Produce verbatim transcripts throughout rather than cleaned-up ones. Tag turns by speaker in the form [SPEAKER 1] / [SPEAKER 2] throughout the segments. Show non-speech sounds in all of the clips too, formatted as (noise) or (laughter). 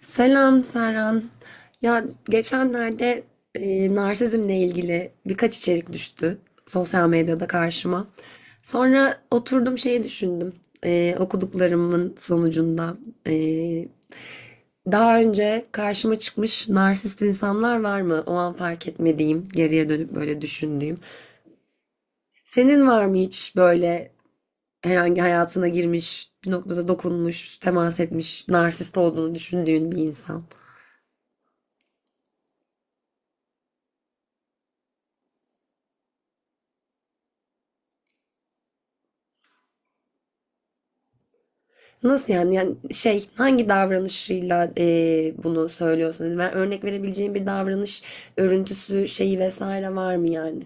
[SPEAKER 1] Selam Serhan. Ya geçenlerde e, narsizmle ilgili birkaç içerik düştü sosyal medyada karşıma. Sonra oturdum şeyi düşündüm. E, okuduklarımın sonucunda e, daha önce karşıma çıkmış narsist insanlar var mı? O an fark etmediğim, geriye dönüp böyle düşündüğüm. Senin var mı hiç böyle herhangi hayatına girmiş, bir noktada dokunmuş, temas etmiş, narsist olduğunu düşündüğün bir insan? Nasıl yani? Yani şey hangi davranışıyla eee, bunu söylüyorsun? Yani ben örnek verebileceğin bir davranış örüntüsü şeyi vesaire var mı yani?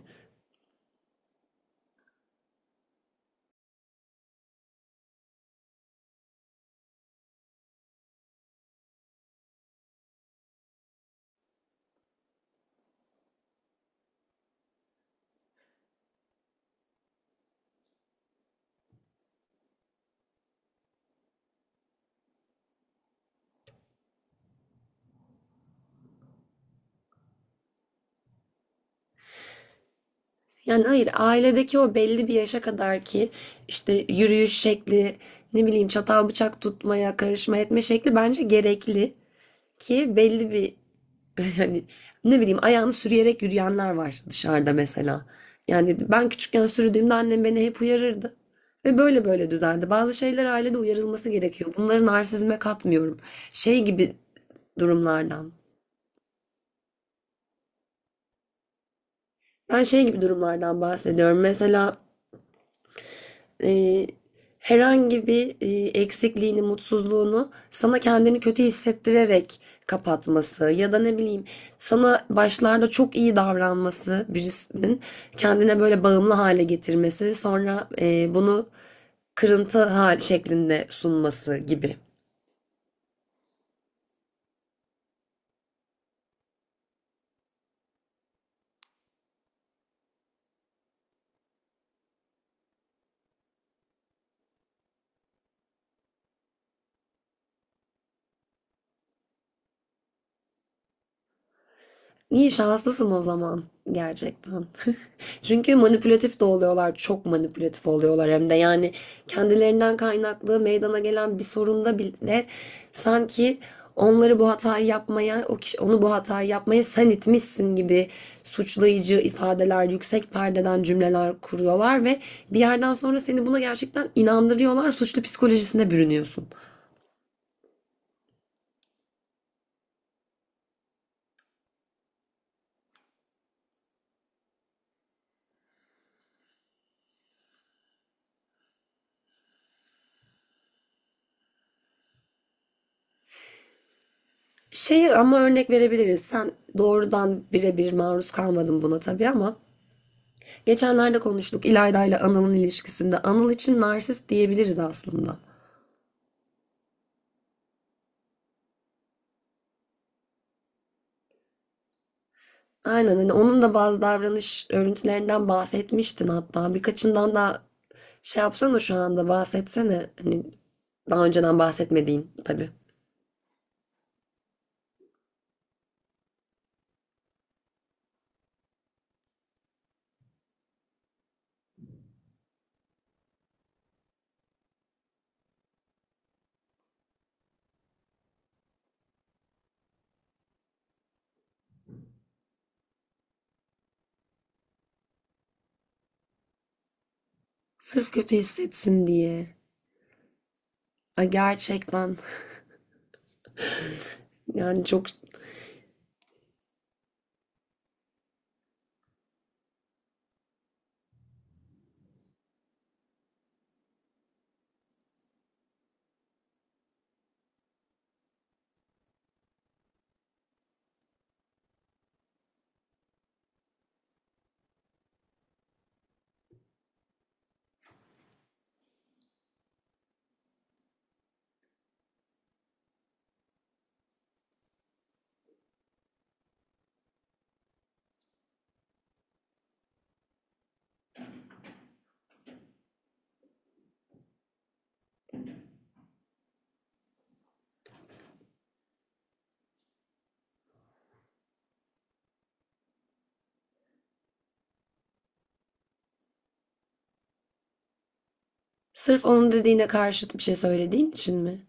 [SPEAKER 1] Yani hayır, ailedeki o belli bir yaşa kadar ki işte yürüyüş şekli, ne bileyim çatal bıçak tutmaya karışma etme şekli bence gerekli ki belli bir hani ne bileyim, ayağını sürüyerek yürüyenler var dışarıda mesela. Yani ben küçükken sürdüğümde annem beni hep uyarırdı. Ve böyle böyle düzeldi. Bazı şeyler ailede uyarılması gerekiyor. Bunları narsizme katmıyorum. Şey gibi durumlardan. Ben şey gibi durumlardan bahsediyorum. Mesela e, herhangi bir e, eksikliğini, mutsuzluğunu sana kendini kötü hissettirerek kapatması ya da ne bileyim sana başlarda çok iyi davranması birisinin, kendine böyle bağımlı hale getirmesi sonra e, bunu kırıntı hal şeklinde sunması gibi. İyi şanslısın o zaman gerçekten. (laughs) Çünkü manipülatif de oluyorlar, çok manipülatif oluyorlar hem de yani kendilerinden kaynaklı meydana gelen bir sorunda bile sanki onları bu hatayı yapmaya, o kişi onu bu hatayı yapmaya sen itmişsin gibi suçlayıcı ifadeler, yüksek perdeden cümleler kuruyorlar ve bir yerden sonra seni buna gerçekten inandırıyorlar, suçlu psikolojisine bürünüyorsun. Şey, ama örnek verebiliriz. Sen doğrudan birebir maruz kalmadın buna tabii ama geçenlerde konuştuk İlayda ile Anıl'ın ilişkisinde. Anıl için narsist diyebiliriz aslında. Aynen, hani onun da bazı davranış örüntülerinden bahsetmiştin hatta. Birkaçından da şey yapsana şu anda, bahsetsene. Hani daha önceden bahsetmediğin tabii. Sırf kötü hissetsin diye. Ay gerçekten, yani çok sırf onun dediğine karşıt bir şey söylediğin için mi?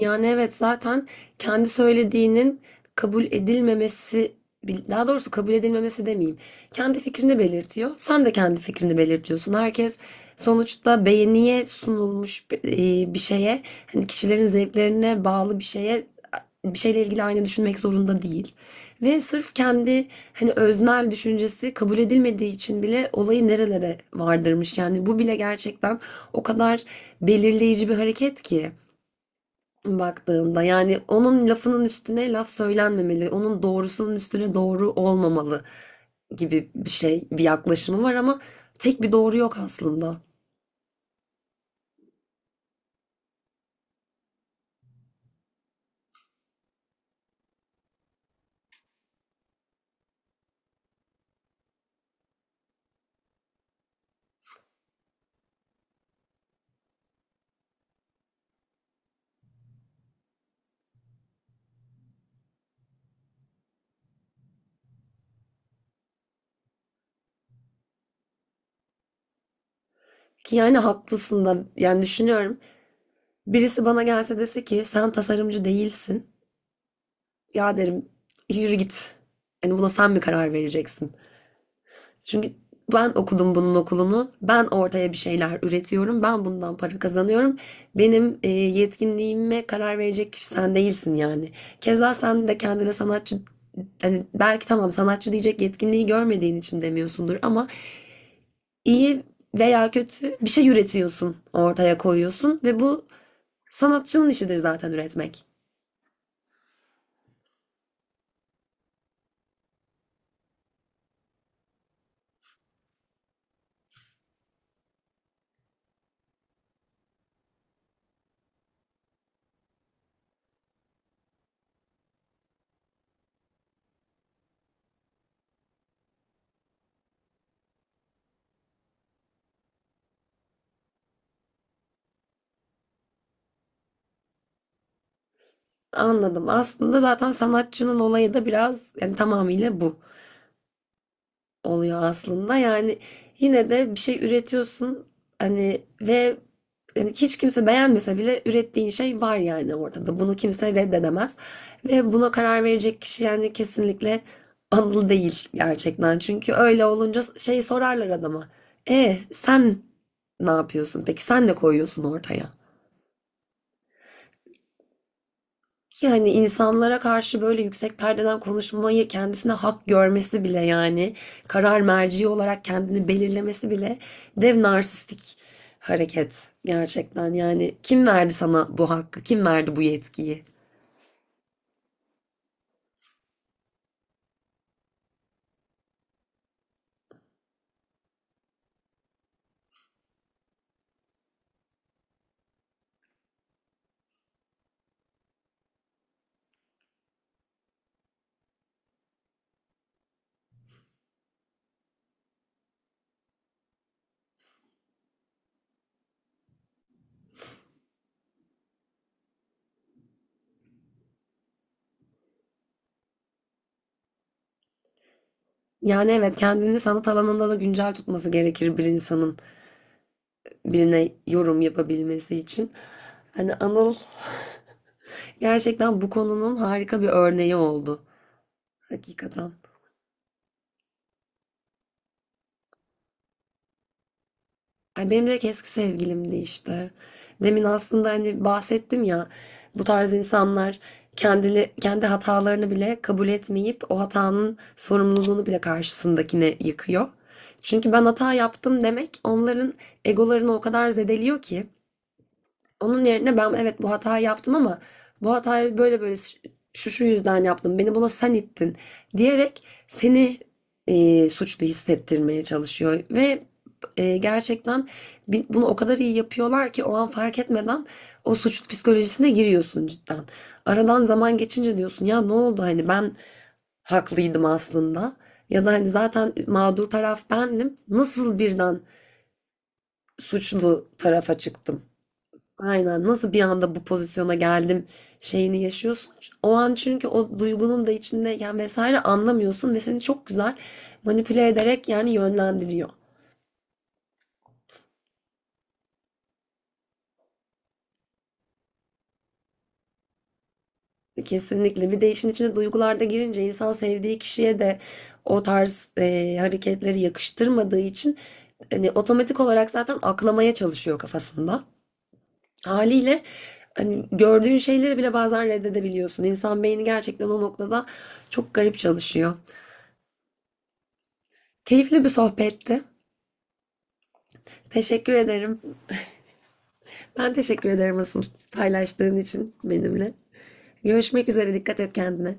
[SPEAKER 1] Yani evet, zaten kendi söylediğinin kabul edilmemesi, bil- daha doğrusu kabul edilmemesi demeyeyim. Kendi fikrini belirtiyor. Sen de kendi fikrini belirtiyorsun. Herkes sonuçta beğeniye sunulmuş bi- e, bir şeye, hani kişilerin zevklerine bağlı bir şeye, bir şeyle ilgili aynı düşünmek zorunda değil. Ve sırf kendi hani öznel düşüncesi kabul edilmediği için bile olayı nerelere vardırmış. Yani bu bile gerçekten o kadar belirleyici bir hareket ki baktığında. Yani onun lafının üstüne laf söylenmemeli, onun doğrusunun üstüne doğru olmamalı gibi bir şey, bir yaklaşımı var ama tek bir doğru yok aslında. Ki yani haklısın da, yani düşünüyorum. Birisi bana gelse dese ki sen tasarımcı değilsin. Ya derim yürü git. Yani buna sen mi karar vereceksin? Çünkü ben okudum bunun okulunu. Ben ortaya bir şeyler üretiyorum. Ben bundan para kazanıyorum. Benim e, yetkinliğime karar verecek kişi sen değilsin yani. Keza sen de kendine sanatçı, hani belki tamam sanatçı diyecek yetkinliği görmediğin için demiyorsundur ama iyi veya kötü bir şey üretiyorsun, ortaya koyuyorsun ve bu sanatçının işidir zaten, üretmek. Anladım. Aslında zaten sanatçının olayı da biraz yani tamamıyla bu oluyor aslında. Yani yine de bir şey üretiyorsun hani ve yani hiç kimse beğenmese bile ürettiğin şey var yani ortada. Bunu kimse reddedemez. Ve buna karar verecek kişi yani kesinlikle Anıl değil gerçekten. Çünkü öyle olunca şey sorarlar adama. E sen ne yapıyorsun? Peki sen ne koyuyorsun ortaya? Ki hani insanlara karşı böyle yüksek perdeden konuşmayı kendisine hak görmesi bile, yani karar merci olarak kendini belirlemesi bile dev narsistik hareket gerçekten. Yani kim verdi sana bu hakkı? Kim verdi bu yetkiyi? Yani evet, kendini sanat alanında da güncel tutması gerekir bir insanın birine yorum yapabilmesi için. Hani Anıl (laughs) gerçekten bu konunun harika bir örneği oldu. Hakikaten. Ay benim direkt eski sevgilimdi işte. Demin aslında hani bahsettim ya, bu tarz insanlar kendili, kendi hatalarını bile kabul etmeyip o hatanın sorumluluğunu bile karşısındakine yıkıyor. Çünkü ben hata yaptım demek onların egolarını o kadar zedeliyor ki, onun yerine ben evet bu hatayı yaptım ama bu hatayı böyle böyle şu şu yüzden yaptım. Beni buna sen ittin diyerek seni e, suçlu hissettirmeye çalışıyor ve e, gerçekten bunu o kadar iyi yapıyorlar ki o an fark etmeden o suçlu psikolojisine giriyorsun cidden. Aradan zaman geçince diyorsun ya ne oldu hani, ben haklıydım aslında, ya da hani zaten mağdur taraf bendim, nasıl birden suçlu tarafa çıktım. Aynen. Nasıl bir anda bu pozisyona geldim şeyini yaşıyorsun. O an çünkü o duygunun da içindeyken vesaire anlamıyorsun ve seni çok güzel manipüle ederek yani yönlendiriyor. Kesinlikle. Bir de işin içine duygular da girince insan sevdiği kişiye de o tarz e, hareketleri yakıştırmadığı için hani otomatik olarak zaten aklamaya çalışıyor kafasında. Haliyle hani gördüğün şeyleri bile bazen reddedebiliyorsun. İnsan beyni gerçekten o noktada çok garip çalışıyor. Keyifli bir sohbetti. Teşekkür ederim. Ben teşekkür ederim asıl, paylaştığın için benimle. Görüşmek üzere. Dikkat et kendine.